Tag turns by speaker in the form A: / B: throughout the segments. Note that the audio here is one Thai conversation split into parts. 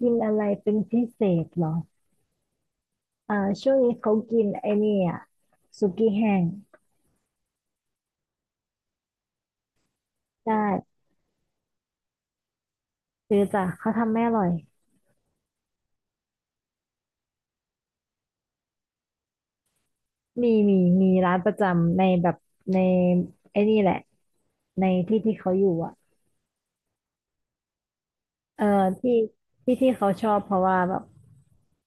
A: กินอะไรเป็นพิเศษเหรออ่าช่วงนี้เขากินไอ้นี่อ่ะสุกี้แห้งได้ซื้อจ้ะเขาทำไม่อร่อยมีมีร้านประจำในแบบในไอ้นี่แหละในที่ที่เขาอยู่อ่ะเออที่ที่เขาชอบเพราะว่าแบบ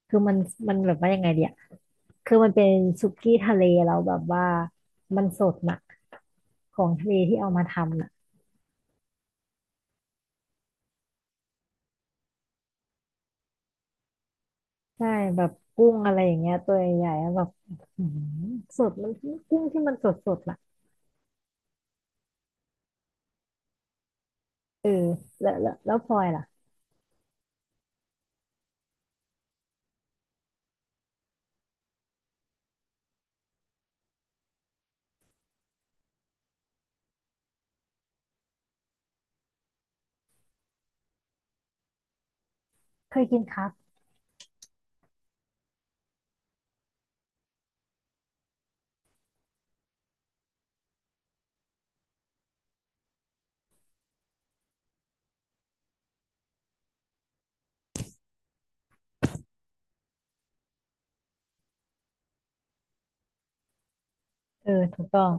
A: คือมันแบบว่ายังไงเดียคือมันเป็นสุกี้ทะเลแล้วแบบว่ามันสดน่ะของทะเลที่เอามาทำน่ะใช่แบบกุ้งอะไรอย่างเงี้ยตัวใหญ่ๆแล้วแบบอือหือสดมันกุ้งที่มันสดสดน่ะ เออแล้วพลอยล่ะเคยกินครับเออถูกต้อง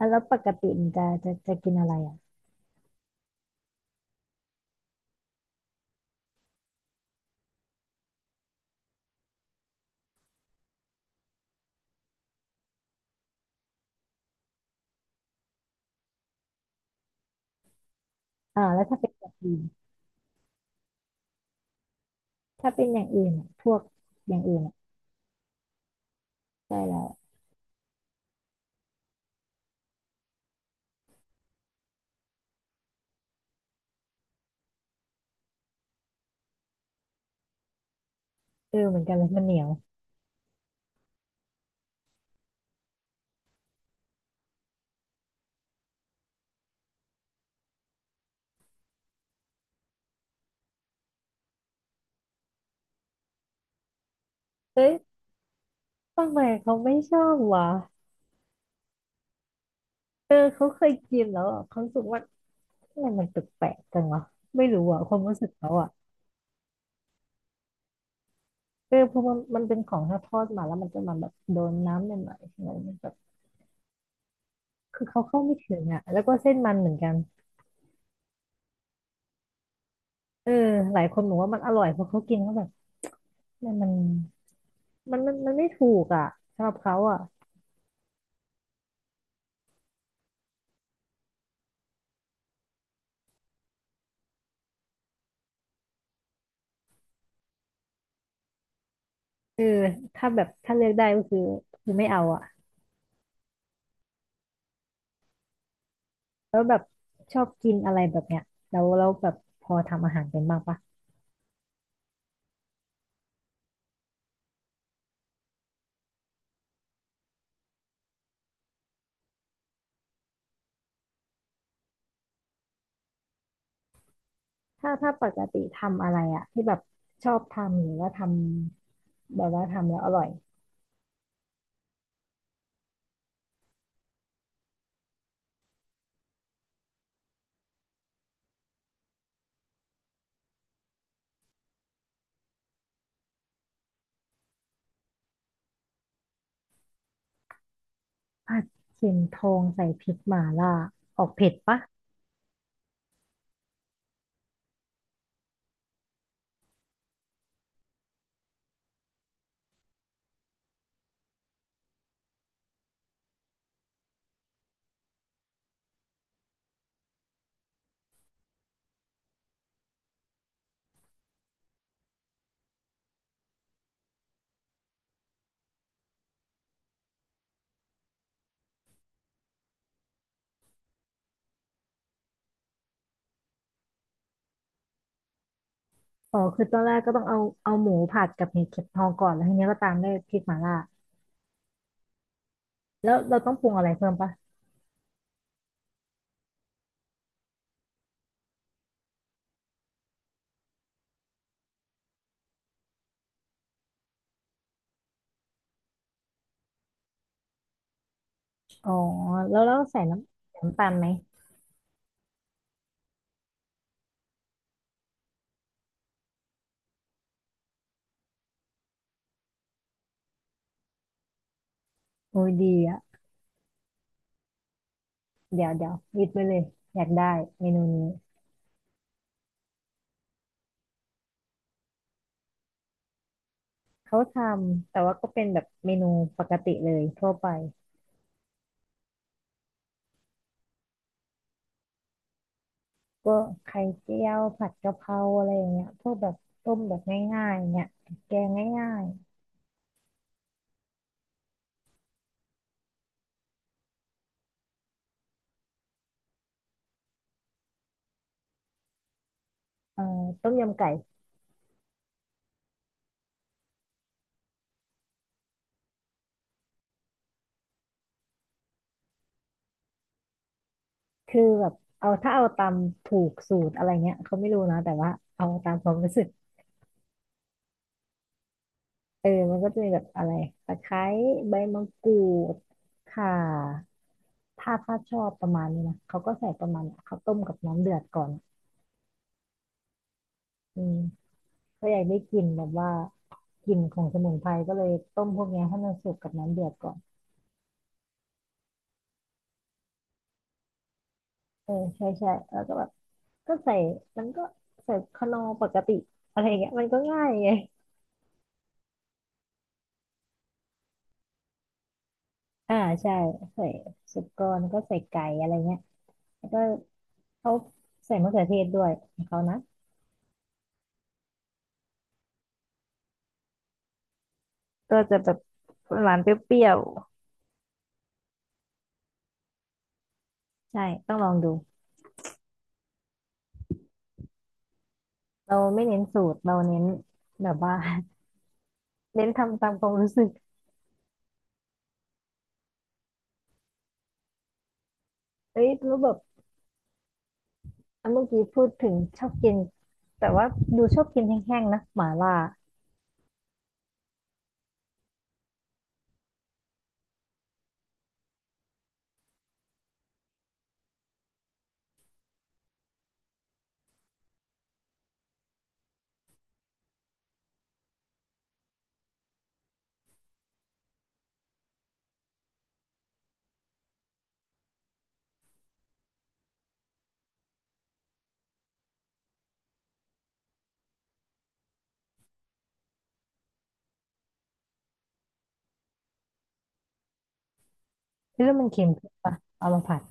A: ่แล้วปกติมันจะกินอะไรอ่ะอ่าแล้วถ้าเป็นอย่างอื่นถ้าเป็นอย่างอื่นอะพวกอย่างอื่นอ่ะใช่แล้วเออเหมือนกันเลยมันเหนียวเอ้ยทำไมเขาไม่ชอบวะเออเขาเคยกินแล้วอะเขารู้สึกว่าทำไมมันแปลกๆจังวะไม่รู้อ่ะความรู้สึกเขาอ่ะเออเพราะมันมันเป็นของถ้าทอดมาแล้วมันจะมาแบบโดนน้ำหน่อยๆอะไรมันแบบคือเขาเข้าไม่ถึงอ่ะแล้วก็เส้นมันเหมือนกันเออหลายคนบอกว่ามันอร่อยเพราะเขากินเข้าไป เนี่ยมันมันไม่ถูกอ่ะสำหรับเขาอ่ะเออถ้าแบบถ้าเลือกได้ก็คือคือไม่เอาอ่ะแล้วแบบชอบกินอะไรแบบเนี้ยแล้วแบบพอทำอาหารเป็นบ้างปะถ้าปกติทำอะไรอ่ะที่แบบชอบทำหรือว่าทำแบบว่าทำแล้วอร่อยผัดเข็มทองใส่พริกหม่าล่าออกเผ็ดปะอ๋อคือตอนแรกก็ต้องเอาหมูผัดกับเห็ดเข็มทองก่อนแล้วทีเนี้ยก็ตามด้วยพริกหม่าล่าแล้วเราต้องปรุงอะไรเพิ่มปะอ๋อแล้วใส่น้ำตาลไหม โอ้ยดีอ่ะเดี๋ยวลิสต์ไว้เลย อยากได้เมนูนี้เขาทำแต่ว่าก็เป็นแบบเมนูปกติเลยทั่วไปก็ไข่เจียวผัดกะเพราอะไรอย่างเงี้ยพวกแบบต้มแบบง่ายๆเงี้ยแกงง่ายๆต้มยำไก่คือแบบเอาถ้าเอาตามถูกสูตรอะไรเงี้ยเขาไม่รู้นะแต่ว่าเอาตามความรู้สึกเออมันก็จะมีแบบอะไรตะไคร้ใบมะกรูดข่าถ้าชอบประมาณนี้นะเขาก็ใส่ประมาณเนี้ยเขาต้มกับน้ำเดือดก่อน อืมก็อยากได้กลิ่นแบบว่ากลิ่นของสมุนไพรก็เลยต้มพวกเนี้ยให้มันสุกกับน้ำเดือดก่อนเออใช่ใช่แล้วก็แบบก็ใส่มันก็ใส่คานอปกติอะไรอย่างเงี้ยมันก็ง่ายไงอ่าใช่ใส่สุกรแลก็ใส่ไก่อะไรเงี้ยแล้วก็เขาใส่มะเขือเทศด้วยของเขานะก็จะแบบหวานเปรี้ยวๆใช่ต้องลองดูเราไม่เน้นสูตรเราเน้นแบบว่า เน้นทำตามความรู้สึกเฮ้ยรู้แบบ เมื่อกี้พูดถึงชอบกินแต่ว่าดูชอบกินแห้งๆนะหม่าล่าคิดว่ามันเค็มขึ้นปะเอามาผัด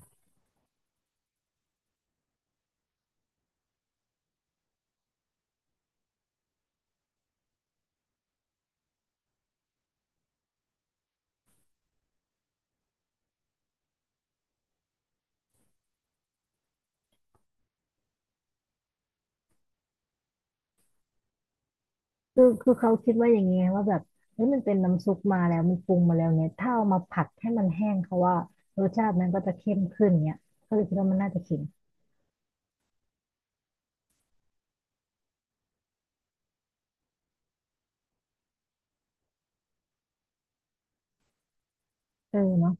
A: คือเขาคิดว่าอย่างเงี้ยว่าแบบเฮ้ยมันเป็นน้ำซุปมาแล้วมันปรุงมาแล้วเนี่ยถ้าเอามาผัดให้มันแห้งเขาว่ารสชาติมันก็จะเข้มขึ้นเนี่ยก็เลยคิดว่ามันน่าจะเค็มเออเนาะ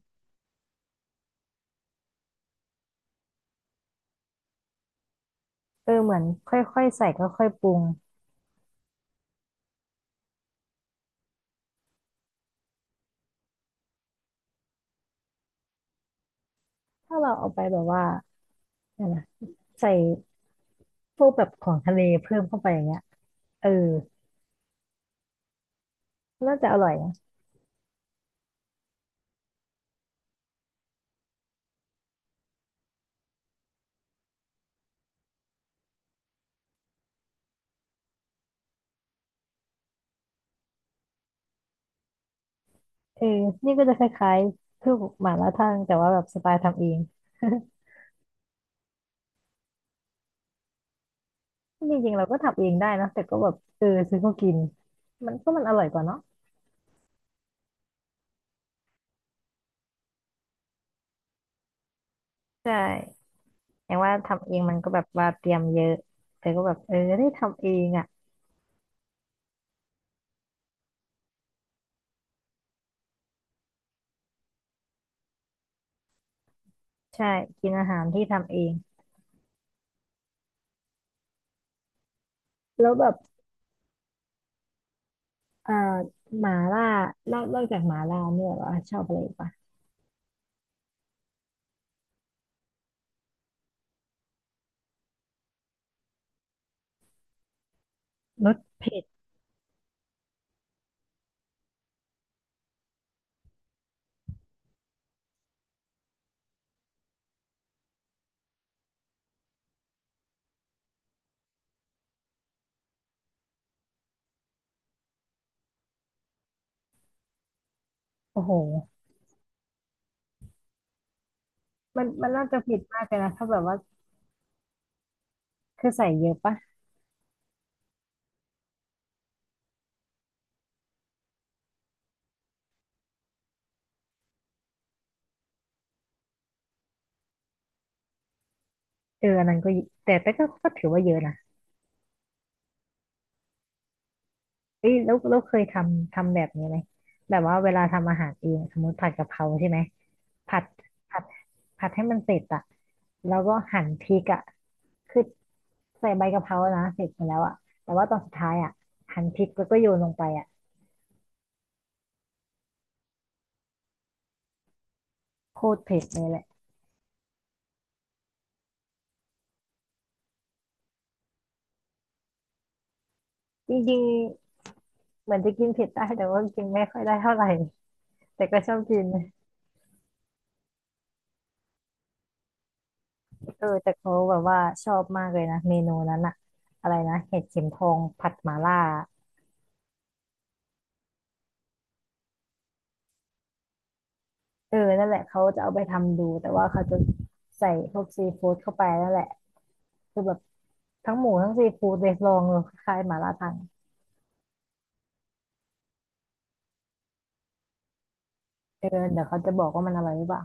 A: เออเหมือนค่อยๆใส่ค่อยๆปรุงถ้าเราเอาไปแบบว่าเนี่ยนะใส่พวกแบบของทะเลเพิ่มเข้าไปอย่างเงี้ยเออน่าจะอร่อยนะ เออนี่ก็จะคล้ายๆคือหม่าล่าทั่งแต่ว่าแบบสไตล์ทำเอง จริงๆเราก็ทำเองได้นะแต่ก็แบบเออซื้อมากินมันก็มันอร่อยกว่าเนาะใช่อย่างว่าทำเองมันก็แบบว่าเตรียมเยอะแต่ก็แบบเออได้ทำเองอ่ะใช่กินอาหารที่ทำเองแล้วแบบอ่าหม่าล่านอกจากหม่าล่าเนี่ยเหราชอบอะไรอีกปะรสเผ็ดโอ้โหมันมันน่าจะเผ็ดมากเลยนะถ้าแบบว่าคือใส่เยอะปะเอออันนั้นก็เยแต่แต่ก็ก็ถือว่าเยอะนะ เอ้ยแล้วเราเคยทำแบบนี้ไหมแบบว่าเวลาทำอาหารเองสมมติผัดกะเพราใช่ไหมผัดผัดผัดให้มันเสร็จอะแล้วก็หั่นพริกอะคือใส่ใบกะเพรานะเสร็จไปแล้วอะแต่ว่าตอนสุดท้ายอะหั่นพริกแล้วก็โยนลงไปอะโคตรเผ็ดเลยแหละจริงๆเหมือนจะกินเผ็ดได้แต่ว่ากินไม่ค่อยได้เท่าไหร่แต่ก็ชอบกินเออแต่เขาแบบว่าชอบมากเลยนะเมนูนั้นอะอะไรนะเห็ดเข็มทองผัดหม่าล่า เออนั่นแหละเขาจะเอาไปทำดูแต่ว่าเขาจะใส่พวกซีฟู้ดเข้าไปนั่นแหละคือแบบทั้งหมูทั้งซีฟู้ดเลยลองเลยคล้ายๆหม่าล่าทังเออเดี๋ยวเขาจะบอกว่ามันอร่อยหรือเปล่า